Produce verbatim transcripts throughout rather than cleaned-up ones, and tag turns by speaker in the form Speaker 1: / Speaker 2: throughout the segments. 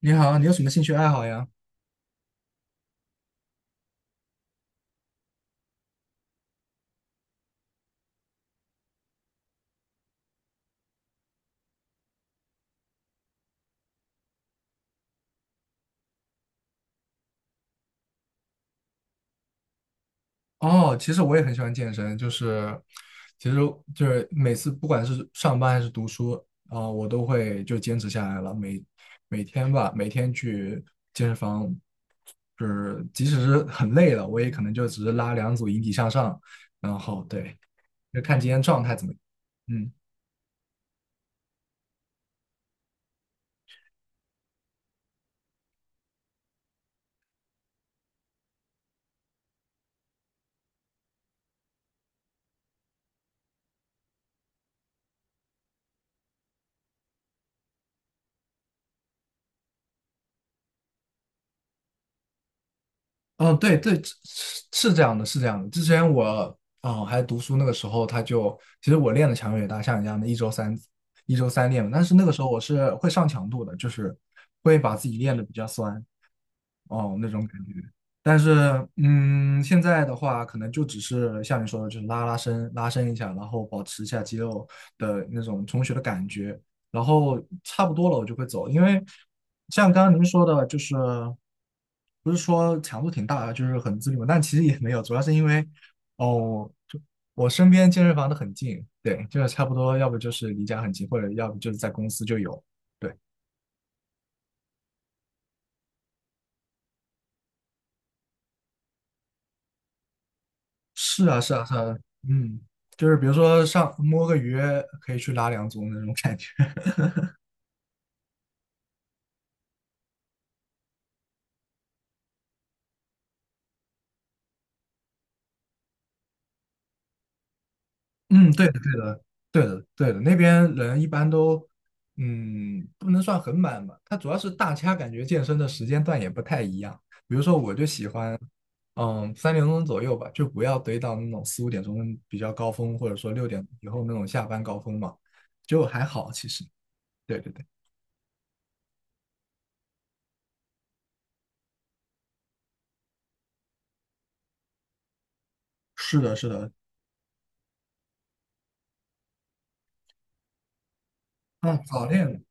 Speaker 1: 你好，你有什么兴趣爱好呀？哦，其实我也很喜欢健身。就是，其实就是每次不管是上班还是读书，啊、我都会就坚持下来了。每每天吧，每天去健身房，就是即使是很累了，我也可能就只是拉两组引体向上，然后对，就看今天状态怎么嗯。嗯，对对，是是这样的，是这样的。之前我嗯还读书那个时候，他就其实我练的强度也大，像你这样的一周三一周三练嘛，但是那个时候我是会上强度的，就是会把自己练的比较酸，哦，那种感觉。但是，嗯，现在的话，可能就只是像你说的，就是拉拉伸、拉伸一下，然后保持一下肌肉的那种充血的感觉，然后差不多了，我就会走。因为像刚刚您说的，就是不是说强度挺大的就是很自律嘛，但其实也没有，主要是因为哦，就我身边健身房都很近。对，就是差不多，要不就是离家很近，或者要不就是在公司就有。对。是啊，是啊，是啊。嗯，就是比如说上摸个鱼可以去拉两组那种感觉。嗯，对的，对的，对的，那边人一般都，嗯，不能算很满吧。他主要是大家感觉健身的时间段也不太一样。比如说，我就喜欢，嗯，三点钟左右吧，就不要堆到那种四五点钟比较高峰，或者说六点以后那种下班高峰嘛，就还好其实。对对对，是的，是的。嗯，早恋，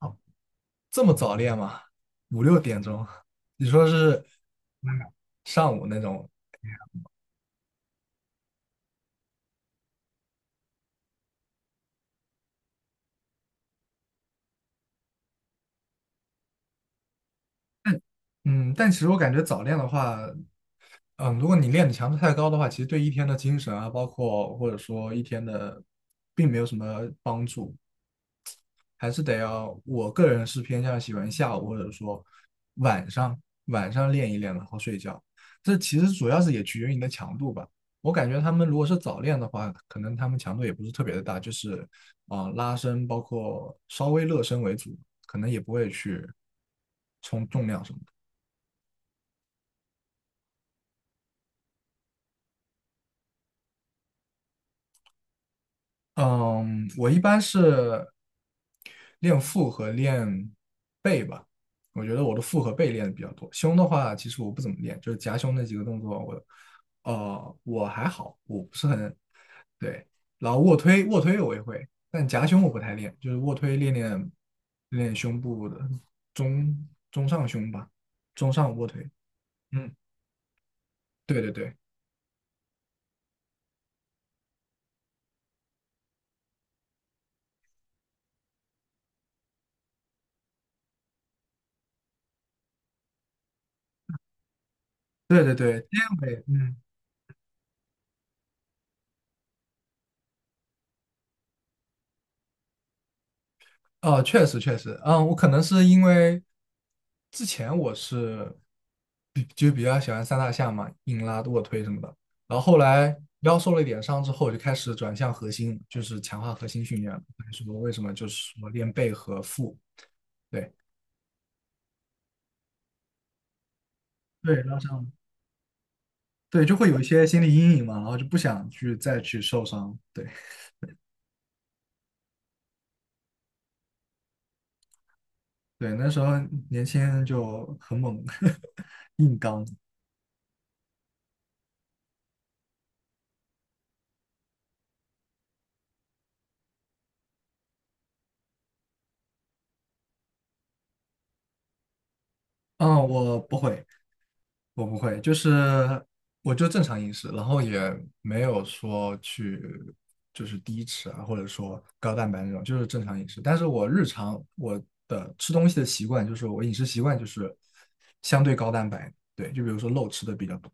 Speaker 1: 哦，这么早练吗？五六点钟？你说是上午那种？嗯，但其实我感觉早练的话，嗯，如果你练的强度太高的话，其实对一天的精神啊，包括或者说一天的，并没有什么帮助。还是得要，我个人是偏向喜欢下午或者说晚上，晚上练一练，然后睡觉。这其实主要是也取决于你的强度吧。我感觉他们如果是早练的话，可能他们强度也不是特别的大，就是啊、呃拉伸，包括稍微热身为主，可能也不会去冲重量什么。嗯，我一般是练腹和练背吧。我觉得我的腹和背练的比较多，胸的话，其实我不怎么练，就是夹胸那几个动作我，呃，我还好，我不是很对。然后卧推，卧推我也会，但夹胸我不太练，就是卧推练练练练胸部的中中上胸吧，中上卧推。嗯，对对对对对对，这样呗。嗯。哦，确实确实。嗯，我可能是因为之前我是比就比较喜欢三大项嘛，硬拉、卧推什么的，然后后来腰受了一点伤之后，我就开始转向核心，就是强化核心训练了。还是说为什么就是说练背和腹，对对，拉伤，对，就会有一些心理阴影嘛，然后就不想去再去受伤。对对，那时候年轻就很猛，硬刚。嗯，我不会。我不会，就是我就正常饮食，然后也没有说去就是低脂啊，或者说高蛋白那种，就是正常饮食。但是我日常我的吃东西的习惯，就是我饮食习惯就是相对高蛋白。对，就比如说肉吃的比较多。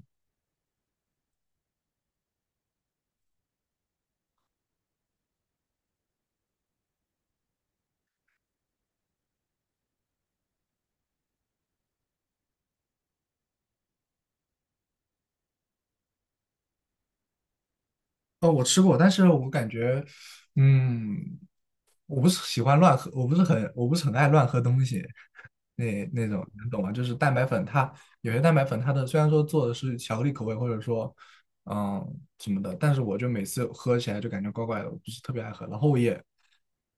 Speaker 1: 哦，我吃过，但是我感觉，嗯，我不是喜欢乱喝，我不是很，我不是很爱乱喝东西，那那种，你懂吗？就是蛋白粉它，有些蛋白粉它的虽然说做的是巧克力口味，或者说，嗯，什么的，但是我就每次喝起来就感觉怪怪的，我不是特别爱喝。然后我也，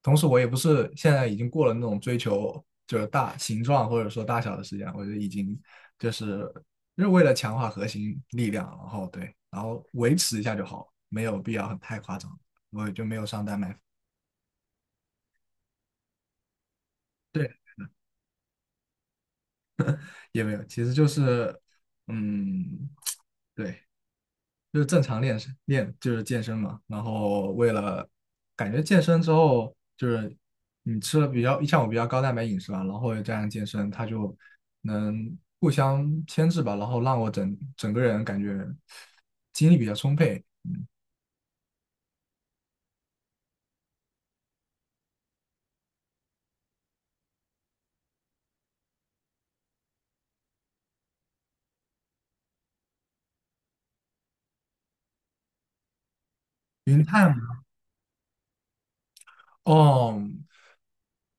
Speaker 1: 同时我也不是现在已经过了那种追求就是大形状或者说大小的时间，我就已经就是。就是为了强化核心力量，然后对，然后维持一下就好，没有必要很太夸张。我就没有上丹麦。对，也没有，其实就是，嗯，对，就是正常练身练就是健身嘛。然后为了感觉健身之后，就是你吃了比较像我比较高蛋白饮食吧，然后又加上健身，它就能互相牵制吧，然后让我整整个人感觉精力比较充沛。云碳哦，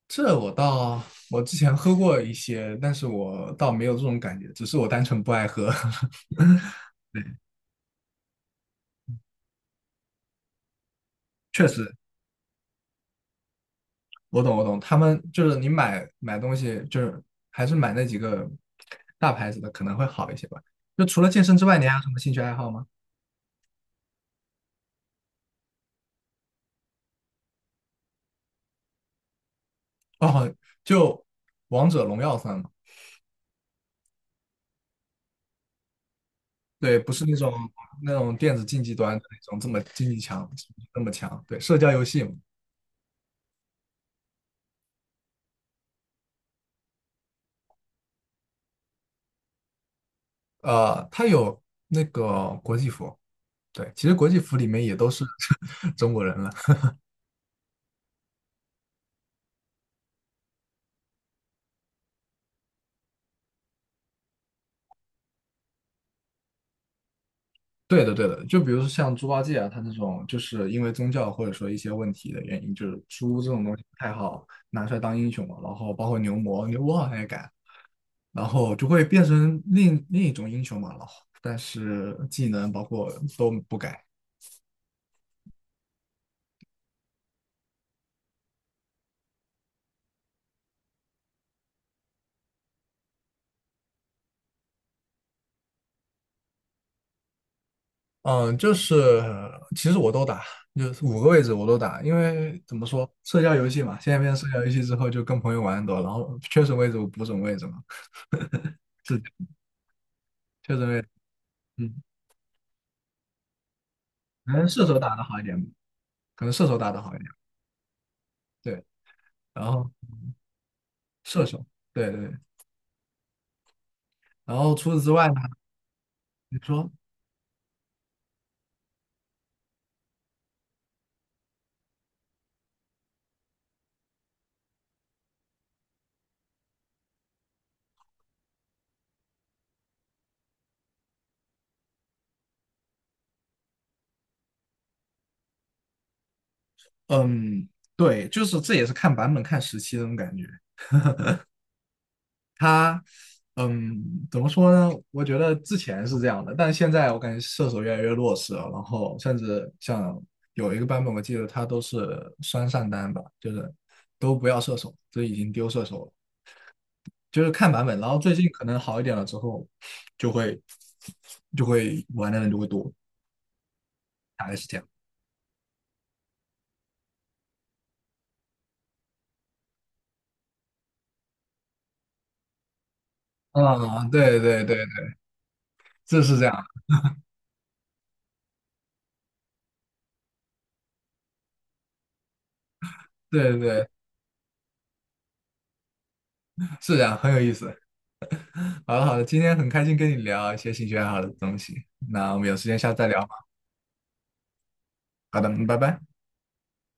Speaker 1: 这我倒，我之前喝过一些，但是我倒没有这种感觉，只是我单纯不爱喝。确实，我懂我懂，他们就是你买买东西，就是还是买那几个大牌子的可能会好一些吧。就除了健身之外，你还有什么兴趣爱好吗？哦，就王者荣耀算吗？对，不是那种那种电子竞技端的那种这么竞技强，那么强。对，社交游戏嘛。呃，它有那个国际服。对，其实国际服里面也都是 中国人了。对的，对的。就比如说像猪八戒啊，他这种就是因为宗教或者说一些问题的原因，就是猪这种东西不太好拿出来当英雄嘛。然后包括牛魔，牛魔好像也改，然后就会变成另另一种英雄嘛。然后但是技能包括都不改。嗯，就是其实我都打，就是五个位置我都打，因为怎么说，社交游戏嘛，现在变成社交游戏之后，就跟朋友玩的多，然后缺什么位置我补什么位置嘛，缺什么位置嗯，可能射手打得好一点吧，可能射手打得好一点。对，然后射手，对对对，然后除此之外呢，你说，嗯，对，就是这也是看版本、看时期的那种感觉。他，嗯，怎么说呢？我觉得之前是这样的，但现在我感觉射手越来越弱势了。然后甚至像有一个版本，我记得他都是双上单吧，就是都不要射手，就已经丢射手了。就是看版本。然后最近可能好一点了之后，就会就会玩的人就会多，大概是这样。啊、对对对，这是这样，对对对，是这样，很有意思。好的好的，今天很开心跟你聊一些兴趣爱好的东西，那我们有时间下次再聊吧。好的，嗯，拜拜。